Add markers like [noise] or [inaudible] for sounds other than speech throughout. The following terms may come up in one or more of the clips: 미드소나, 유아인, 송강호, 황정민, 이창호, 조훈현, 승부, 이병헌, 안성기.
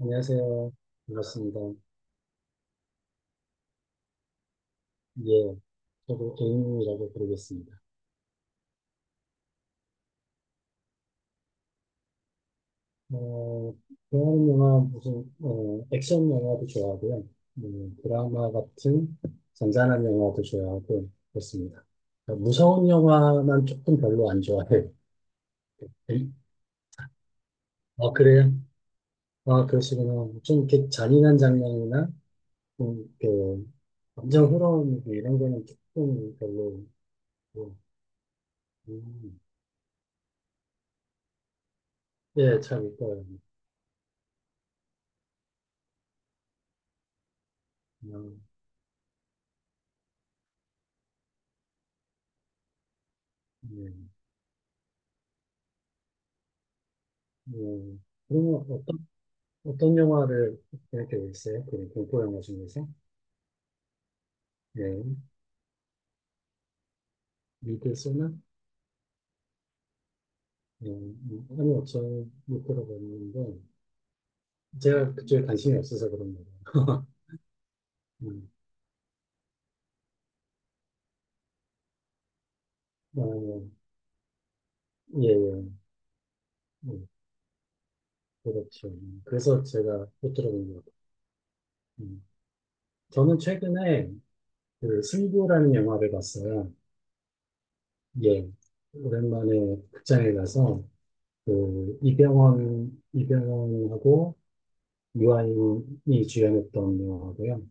안녕하세요. 반갑습니다. 예, 저도 개인이라고 부르겠습니다. 어, 좋아하는 영화 무슨 액션 영화도 좋아하고요. 드라마 같은 잔잔한 영화도 좋아하고 그렇습니다. 무서운 영화만 조금 별로 안 좋아해요. [laughs] 에? 아, 그래요? 아, 그러시구나. 좀 이렇게 잔인한 장면이나 좀 이렇게 감정 흐름 이런 거는 조금 별로. 뭐, 음, 예, 잘 있더라고요. 그냥, 예. 음, 그리 어떤, 어떤 영화를 이렇게 보셨어요? 그 공포 영화 중에서? 네, 미드소나? 네, 아니요, 저못 들어봤는데, 제가 그쪽에 관심이 없어서 그런 거예요. [laughs] 음, 아, 예, 예, 예, 그렇죠. 그래서 제가 못 들어본 것 같아요. 음. 저는 최근에 그 승부라는 영화를 봤어요. 예, 오랜만에 극장에 가서, 그 이병헌하고 유아인이 주연했던 영화고요.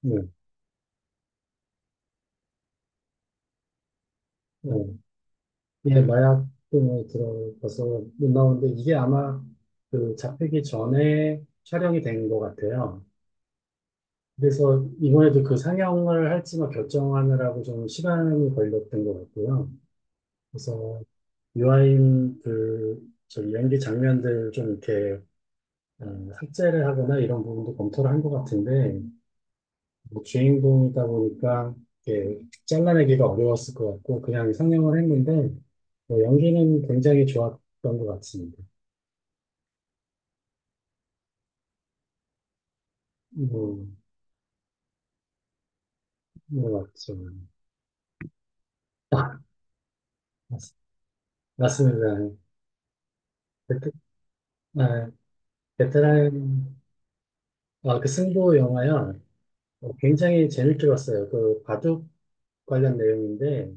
네, 네. 예, 마약 등을 들어가서 나오는데 이게 아마 그 잡히기 전에 촬영이 된 것 같아요. 그래서 이번에도 그 상영을 할지만 결정하느라고 좀 시간이 걸렸던 것 같고요. 그래서 유아인 그 저기 연기 장면들 좀 이렇게 삭제를 하거나 이런 부분도 검토를 한 것 같은데 뭐 주인공이다 보니까 이렇게 잘라내기가 어려웠을 것 같고 그냥 상영을 했는데 뭐 연기는 굉장히 좋았던 것 같습니다. 뭐, 뭐 맞죠. 아, 맞- 맞습니다. 베트, 아, 베테랑. 아, 그 승부 영화요. 어, 굉장히 재밌게 봤어요. 그 바둑 관련 내용인데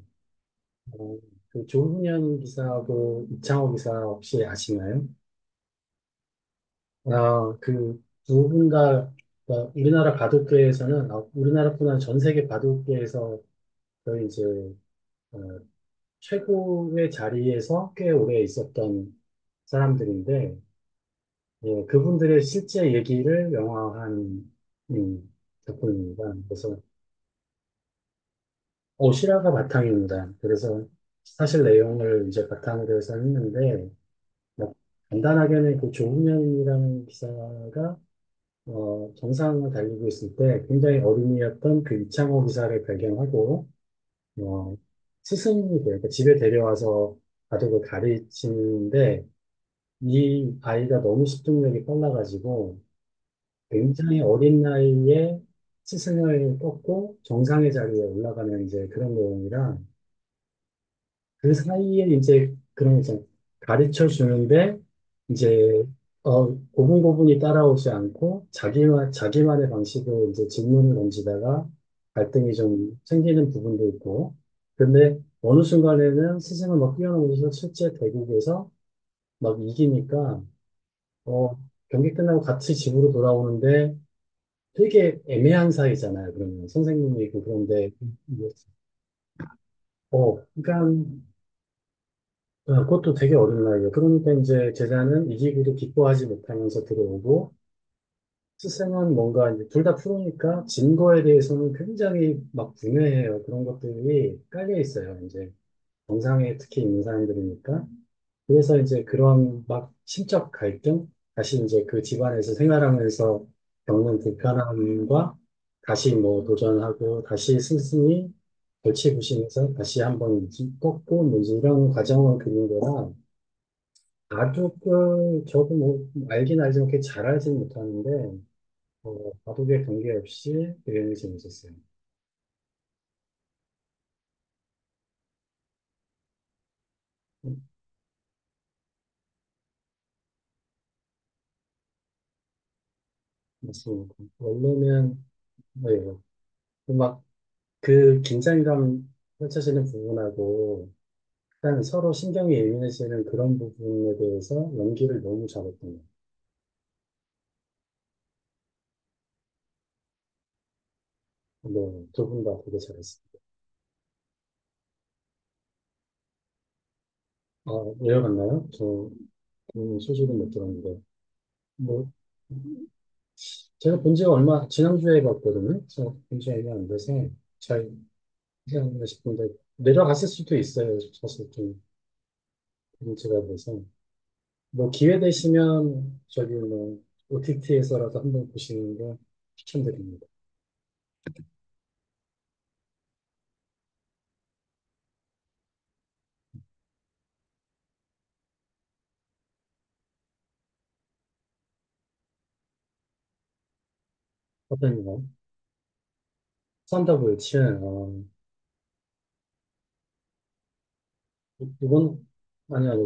어, 그 조훈현 기사하고 이창호 기사 혹시 아시나요? 아, 그 누군가 그러니까 우리나라 바둑계에서는 아, 우리나라뿐만 아니라 전 세계 바둑계에서 거의 이제 어, 최고의 자리에서 꽤 오래 있었던 사람들인데, 예, 그분들의 실제 얘기를 영화화한, 음, 작품입니다. 그래서 실화가 바탕입니다. 그래서 사실 내용을 이제 바탕으로 해서 했는데 뭐, 간단하게는 그 조훈현이라는 기사가 정상을 달리고 있을 때 굉장히 어린이였던 그 이창호 기사를 발견하고, 어, 스승이 돼요. 그 집에 데려와서 바둑을 가르치는데, 이 아이가 너무 집중력이 빨라가지고, 굉장히 어린 나이에 스승을 꺾고 정상의 자리에 올라가는 이제 그런 내용이라, 그 사이에 이제 그런 이제 가르쳐 주는데 이제 어 고분고분이 따라오지 않고 자기만의 방식으로 이제 질문을 던지다가 갈등이 좀 생기는 부분도 있고 근데 어느 순간에는 스승은 막 뛰어넘어서 실제 대국에서 막 이기니까 어 경기 끝나고 같이 집으로 돌아오는데 되게 애매한 사이잖아요. 그러면 선생님이 있고 그런데 어 그러니까 네, 그것도 되게 어린 나이에. 그러니까 이제 제자는 이기고도 기뻐하지 못하면서 들어오고, 스승은 뭔가 이제 둘 다 프로니까 진 거에 대해서는 굉장히 막 분해해요. 그런 것들이 깔려 있어요. 이제 정상에 특히 있는 사람들이니까. 그래서 이제 그런 막 심적 갈등, 다시 이제 그 집안에서 생활하면서 겪는 불편함과 다시 뭐 도전하고 다시 스승이 골치 부시면서 다시 한번 꺾고 뭐 이제 이런 과정을 그린 거라 바둑을 저도 뭐 알긴 알지만 그렇게 잘 알지는 못하는데 바둑에 관계없이 그림이 재밌었어요. 음, 맞습니다. 원래는 뭐예요? 막 그 긴장감 펼쳐지는 부분하고 일단 서로 신경이 예민해지는 그런 부분에 대해서 연기를 너무 잘했던 거. 네, 두분 다 되게 잘했어요. 아, 내려갔나요 저 소식은 못 들었는데 뭐 제가 본 지가 얼마 지난주에 봤거든요. 그래서 굉장히 안 돼서. 잘 생각나 싶은데 내려갔을 수도 있어요. 사실 좀 문제가 돼서 뭐 기회 되시면 저기 뭐 OTT에서라도 한번 보시는 거 추천드립니다. 어떤 거? 산다고요, 치아. 이건 아니 아니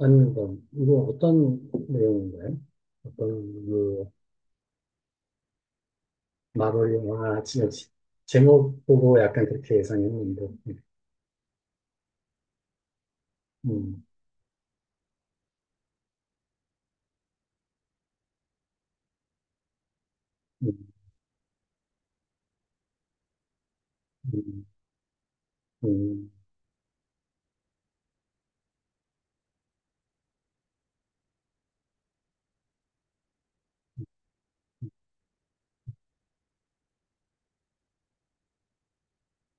아닙니다. 이거 어떤 내용인가요? 어떤 그 마블 영화 지짜 지- 제목 보고 약간 그렇게 예상했는데 음, 음, 음, 음,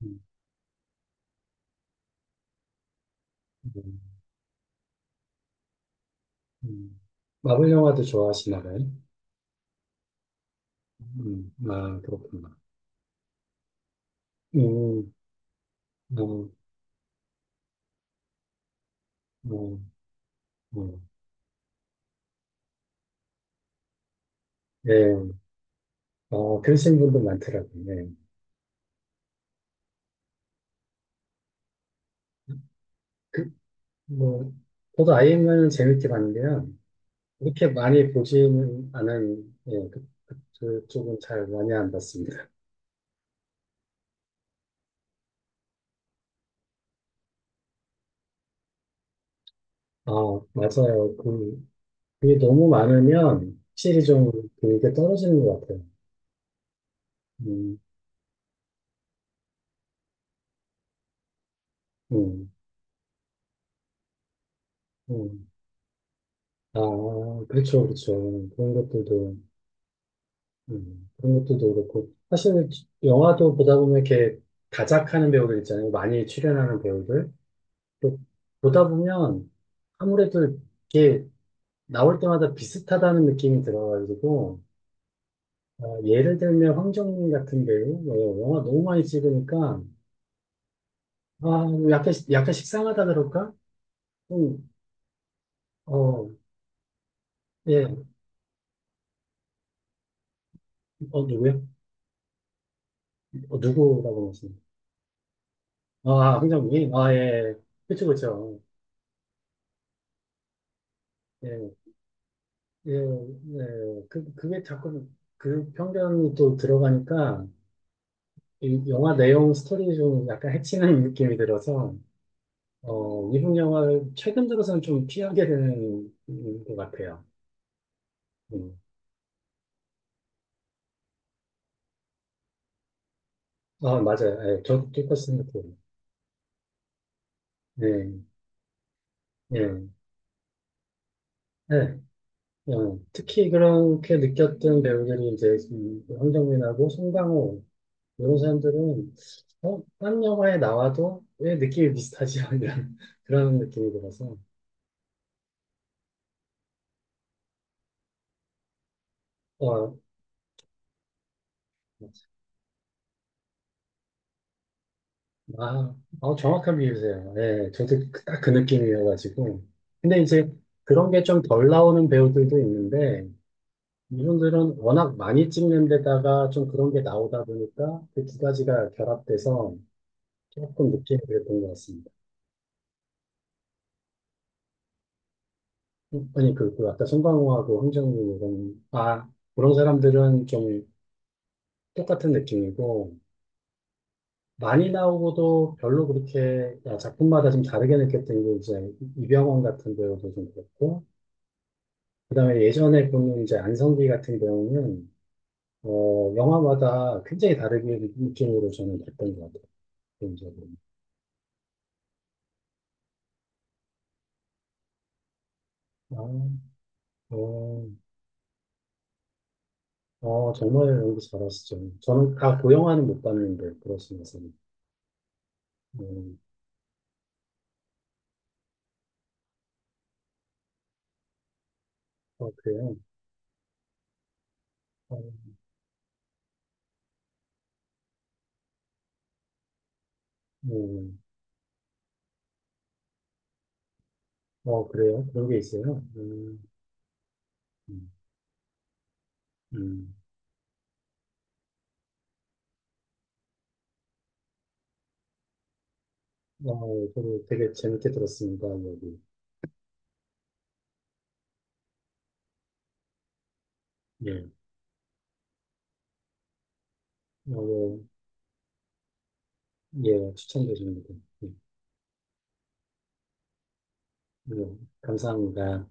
음, 음. 음. 마블 영화도 좋아하시나 봐요? 아, 그렇구나. 음, 뭐, 뭐, 뭐, 예, 어, 그러신 분들 많더라고요. 예. 뭐, 저도 아이엠을 재밌게 봤는데요. 이렇게 많이 보지는 않은, 예, 그, 그쪽은 잘 많이 안 봤습니다. 아, 맞아요. 그, 그게 너무 많으면 확실히 좀 그게 떨어지는 것 같아요. 음, 음, 음. 아, 그렇죠, 그렇죠. 그런 것들도. 그런 것도 더 그렇고. 사실 영화도 보다 보면 이렇게 다작하는 배우들 있잖아요. 많이 출연하는 배우들. 또 보다 보면 아무래도 이게 나올 때마다 비슷하다는 느낌이 들어가지고, 예를 들면 황정민 같은 배우, 영화 너무 많이 찍으니까, 아, 뭐 약간, 약간 식상하다 그럴까? 좀, 어, 예, 누구요? 누구라고 말씀요. 아, 황정민? 아, 예. 그쵸, 그쵸. 예. 예, 예. 그, 그게 자꾸 그 편견이 또 들어가니까 이 영화 내용 스토리 좀 약간 해치는 느낌이 들어서 미국 영화를 최근 들어서는 좀 피하게 되는 것 같아요. 음. 아, 맞아요. 예, 저도 똑같은 느낌. 예, 예, 예. 특히 그렇게 느꼈던 배우들이 이제 이 황정민하고 송강호 이런 사람들은 딴 영화에 나와도 왜 느낌이 비슷하지? [laughs] 이런 그런 느낌이 들어서. 어, 아, 정확한 비유세요. 예, 저도 딱 그 느낌이어가지고. 근데 이제 그런 게 좀 덜 나오는 배우들도 있는데, 이분들은 워낙 많이 찍는 데다가 좀 그런 게 나오다 보니까 그 두 가지가 결합돼서 조금 느낌이 그랬던 것 같습니다. 아니, 그, 그 아까 송강호하고 황정민 이런, 아, 그런 사람들은 좀 똑같은 느낌이고, 많이 나오고도 별로 그렇게 야, 작품마다 좀 다르게 느꼈던 게 이제 이병헌 같은 배우도 좀 그렇고, 그다음에 예전에 보는 이제 안성기 같은 경우는 영화마다 굉장히 다르게 느낌으로 저는 봤던 것 같아요. 개인적으로. 아, 어, 정말 연기 잘하시죠. 저는 다 고 영화는 못 봤는데 그러시면서. 음, 어, 그래요. 어, 음, 어, 그래요. 그런 게 있어요. 음, 음. 저도 되게 재밌게 들었습니다. 여기. 예. 어, 예, 예, 추천드립니다. 예, 예, 감사합니다.